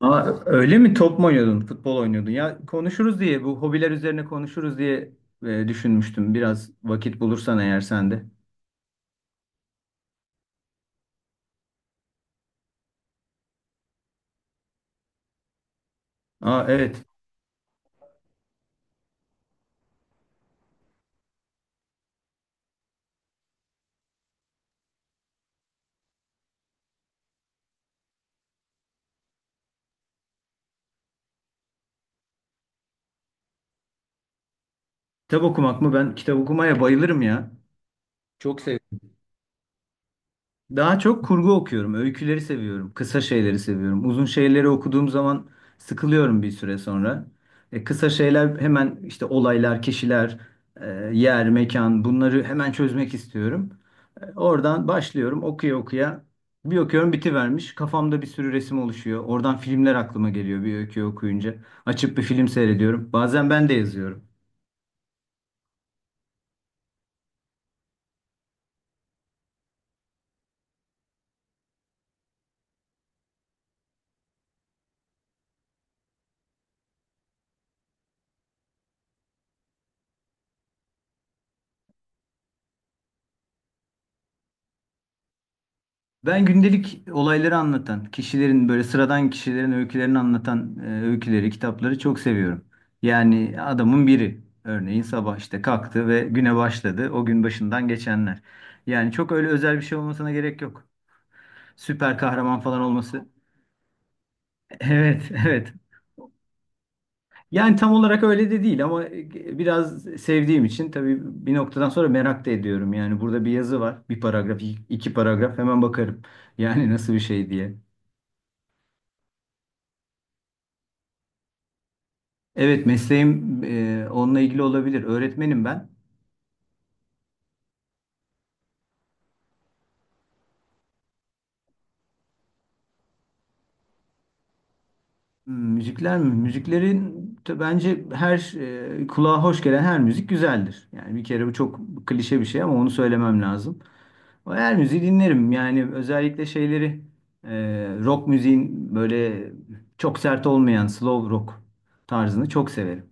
Aa, öyle mi? Top mu oynuyordun? Futbol oynuyordun. Ya konuşuruz diye, bu hobiler üzerine konuşuruz diye düşünmüştüm. Biraz vakit bulursan eğer sen de. Aa, evet. Kitap okumak mı? Ben kitap okumaya bayılırım ya. Çok seviyorum. Daha çok kurgu okuyorum. Öyküleri seviyorum. Kısa şeyleri seviyorum. Uzun şeyleri okuduğum zaman sıkılıyorum bir süre sonra. Kısa şeyler hemen işte olaylar, kişiler, e, yer, mekan bunları hemen çözmek istiyorum. Oradan başlıyorum okuya okuya. Bir okuyorum bitivermiş. Kafamda bir sürü resim oluşuyor. Oradan filmler aklıma geliyor bir öyküyü okuyunca. Açıp bir film seyrediyorum. Bazen ben de yazıyorum. Ben gündelik olayları anlatan, kişilerin böyle sıradan kişilerin öykülerini anlatan öyküleri, kitapları çok seviyorum. Yani adamın biri örneğin sabah işte kalktı ve güne başladı. O gün başından geçenler. Yani çok öyle özel bir şey olmasına gerek yok. Süper kahraman falan olması. Evet, evet. Yani tam olarak öyle de değil ama biraz sevdiğim için tabii bir noktadan sonra merak da ediyorum. Yani burada bir yazı var. Bir paragraf, iki paragraf hemen bakarım. Yani nasıl bir şey diye. Evet mesleğim onunla ilgili olabilir. Öğretmenim ben. Hmm, müzikler mi? Müziklerin de bence her kulağa hoş gelen her müzik güzeldir. Yani bir kere bu çok klişe bir şey ama onu söylemem lazım. Her müziği dinlerim. Yani özellikle şeyleri e, rock müziğin böyle çok sert olmayan slow rock tarzını çok severim.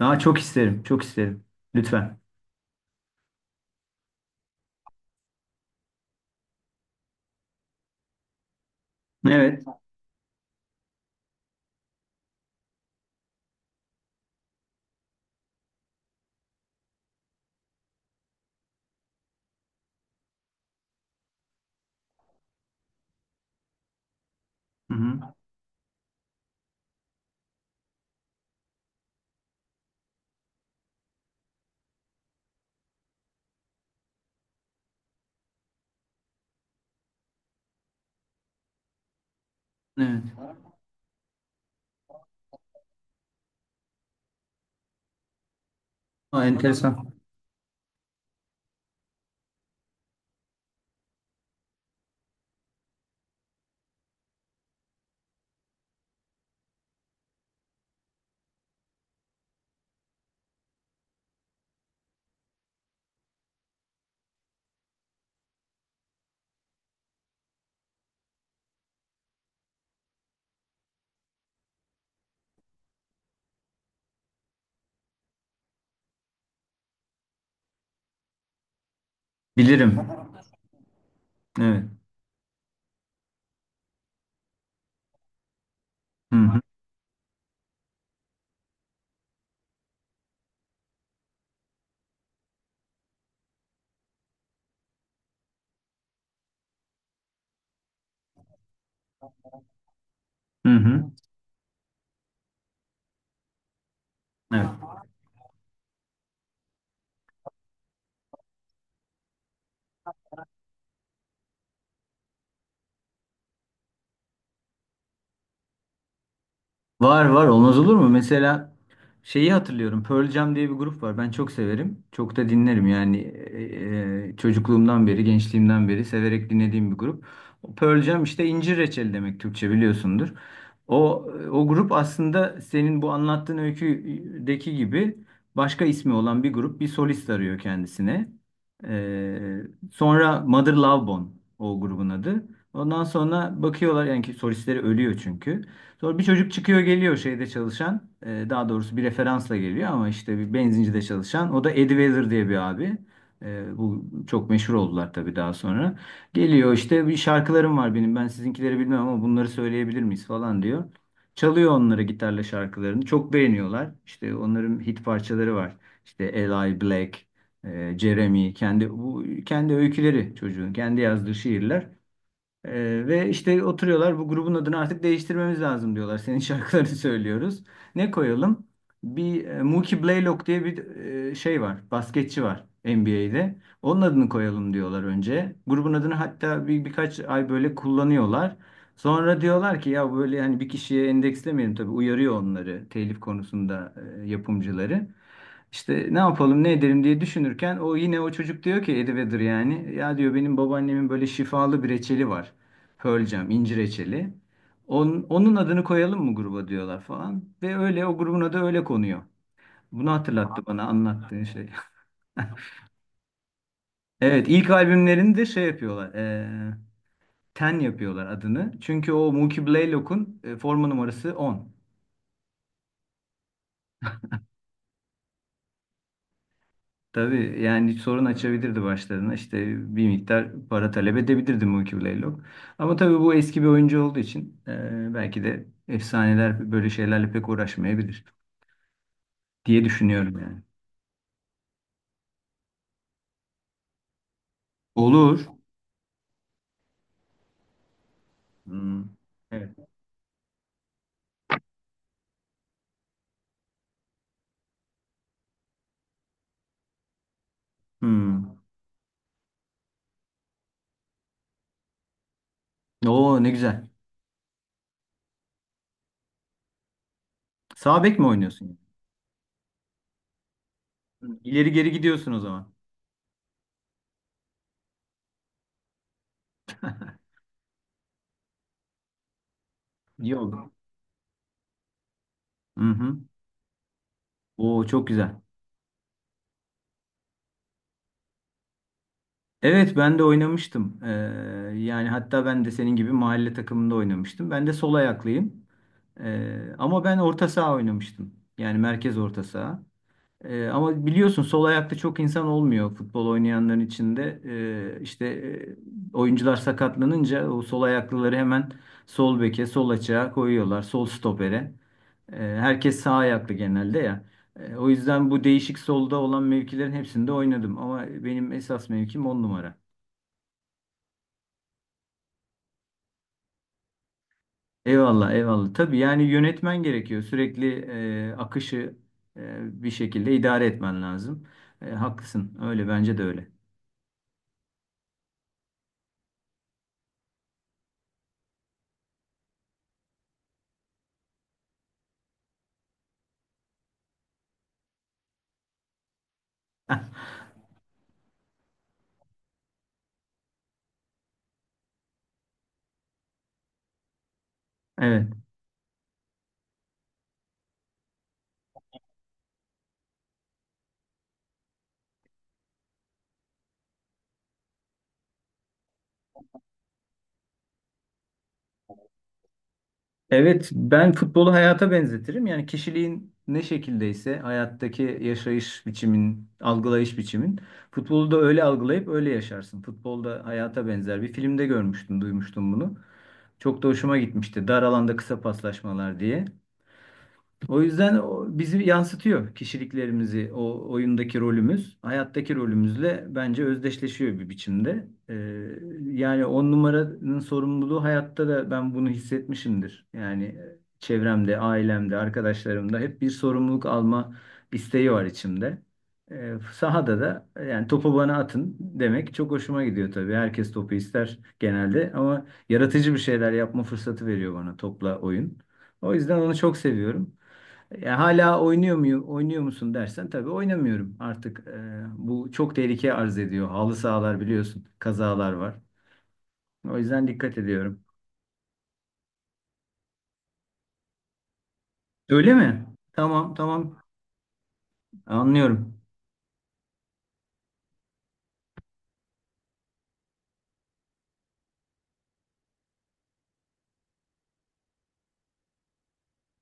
Daha çok isterim, çok isterim. Lütfen. Evet. Hı hı. Evet. Aa, enteresan. Bilirim. Evet. Hı hı. Hı hı. Evet. Var var olmaz olur mu? Mesela şeyi hatırlıyorum. Pearl Jam diye bir grup var. Ben çok severim. Çok da dinlerim yani çocukluğumdan beri, gençliğimden beri severek dinlediğim bir grup. Pearl Jam işte incir reçeli demek Türkçe biliyorsundur. O o grup aslında senin bu anlattığın öyküdeki gibi başka ismi olan bir grup bir solist arıyor kendisine. Ee, Sonra Mother Love Bone o grubun adı. Ondan sonra bakıyorlar yani ki solistleri ölüyor çünkü. Sonra bir çocuk çıkıyor geliyor şeyde çalışan. Daha doğrusu bir referansla geliyor ama işte bir benzincide çalışan. O da Eddie Vedder diye bir abi. Bu çok meşhur oldular tabii daha sonra. Geliyor işte bir şarkılarım var benim. Ben sizinkileri bilmem ama bunları söyleyebilir miyiz falan diyor. Çalıyor onlara gitarla şarkılarını. Çok beğeniyorlar. İşte onların hit parçaları var. İşte Eli Black, Jeremy, bu kendi öyküleri çocuğun, kendi yazdığı şiirler. Ve işte oturuyorlar bu grubun adını artık değiştirmemiz lazım diyorlar. Senin şarkılarını söylüyoruz. Ne koyalım? Bir Mookie Blaylock diye bir şey var. Basketçi var NBA'de. Onun adını koyalım diyorlar önce. Grubun adını hatta birkaç ay böyle kullanıyorlar. Sonra diyorlar ki ya böyle hani bir kişiye endekslemeyelim tabii uyarıyor onları telif konusunda yapımcıları. İşte ne yapalım ne edelim diye düşünürken o yine o çocuk diyor ki Eddie Vedder yani ya diyor benim babaannemin böyle şifalı bir reçeli var. Pearl Jam, incir reçeli. Onun adını koyalım mı gruba diyorlar falan. Ve öyle o grubun adı öyle konuyor. Bunu hatırlattı bana anlattığın şey. Evet ilk albümlerini de şey yapıyorlar. Ten yapıyorlar adını. Çünkü o Mookie Blaylock'un forma numarası 10. Tabii yani sorun açabilirdi başlarına. İşte bir miktar para talep edebilirdi Mookie Blaylock. Ama tabii bu eski bir oyuncu olduğu için belki de efsaneler böyle şeylerle pek uğraşmayabilir diye düşünüyorum yani. Olur. Hmm. Evet. Hmm. Oo ne güzel. Sağ bek mi oynuyorsun yani? İleri geri gidiyorsun o zaman. Yok. Hı hı. Oo çok güzel. Evet ben de oynamıştım. Yani hatta ben de senin gibi mahalle takımında oynamıştım. Ben de sol ayaklıyım. Ama ben orta saha oynamıştım. Yani merkez orta saha. Ama biliyorsun sol ayakta çok insan olmuyor futbol oynayanların içinde. İşte oyuncular sakatlanınca o sol ayaklıları hemen sol beke, sol açığa koyuyorlar. Sol stopere. Herkes sağ ayaklı genelde ya. O yüzden bu değişik solda olan mevkilerin hepsinde oynadım. Ama benim esas mevkim on numara. Eyvallah, eyvallah. Tabii yani yönetmen gerekiyor. Sürekli akışı bir şekilde idare etmen lazım. E, haklısın. Öyle bence de öyle. Evet. Evet, ben futbolu hayata benzetirim. Yani kişiliğin ne şekildeyse hayattaki yaşayış biçimin, algılayış biçimin futbolu da öyle algılayıp öyle yaşarsın. Futbolda hayata benzer. Bir filmde görmüştüm, duymuştum bunu. Çok da hoşuma gitmişti. Dar alanda kısa paslaşmalar diye. O yüzden o bizi yansıtıyor kişiliklerimizi, o oyundaki rolümüz, hayattaki rolümüzle bence özdeşleşiyor bir biçimde. Yani on numaranın sorumluluğu hayatta da ben bunu hissetmişimdir. Yani çevremde, ailemde, arkadaşlarımda hep bir sorumluluk alma isteği var içimde. Sahada da yani topu bana atın demek çok hoşuma gidiyor tabii. Herkes topu ister genelde ama yaratıcı bir şeyler yapma fırsatı veriyor bana topla oyun. O yüzden onu çok seviyorum. Ya hala oynuyor muyum, oynuyor musun dersen tabii oynamıyorum artık. Bu çok tehlike arz ediyor. Halı sahalar biliyorsun, kazalar var. O yüzden dikkat ediyorum. Öyle mi? Tamam, tamam. Anlıyorum.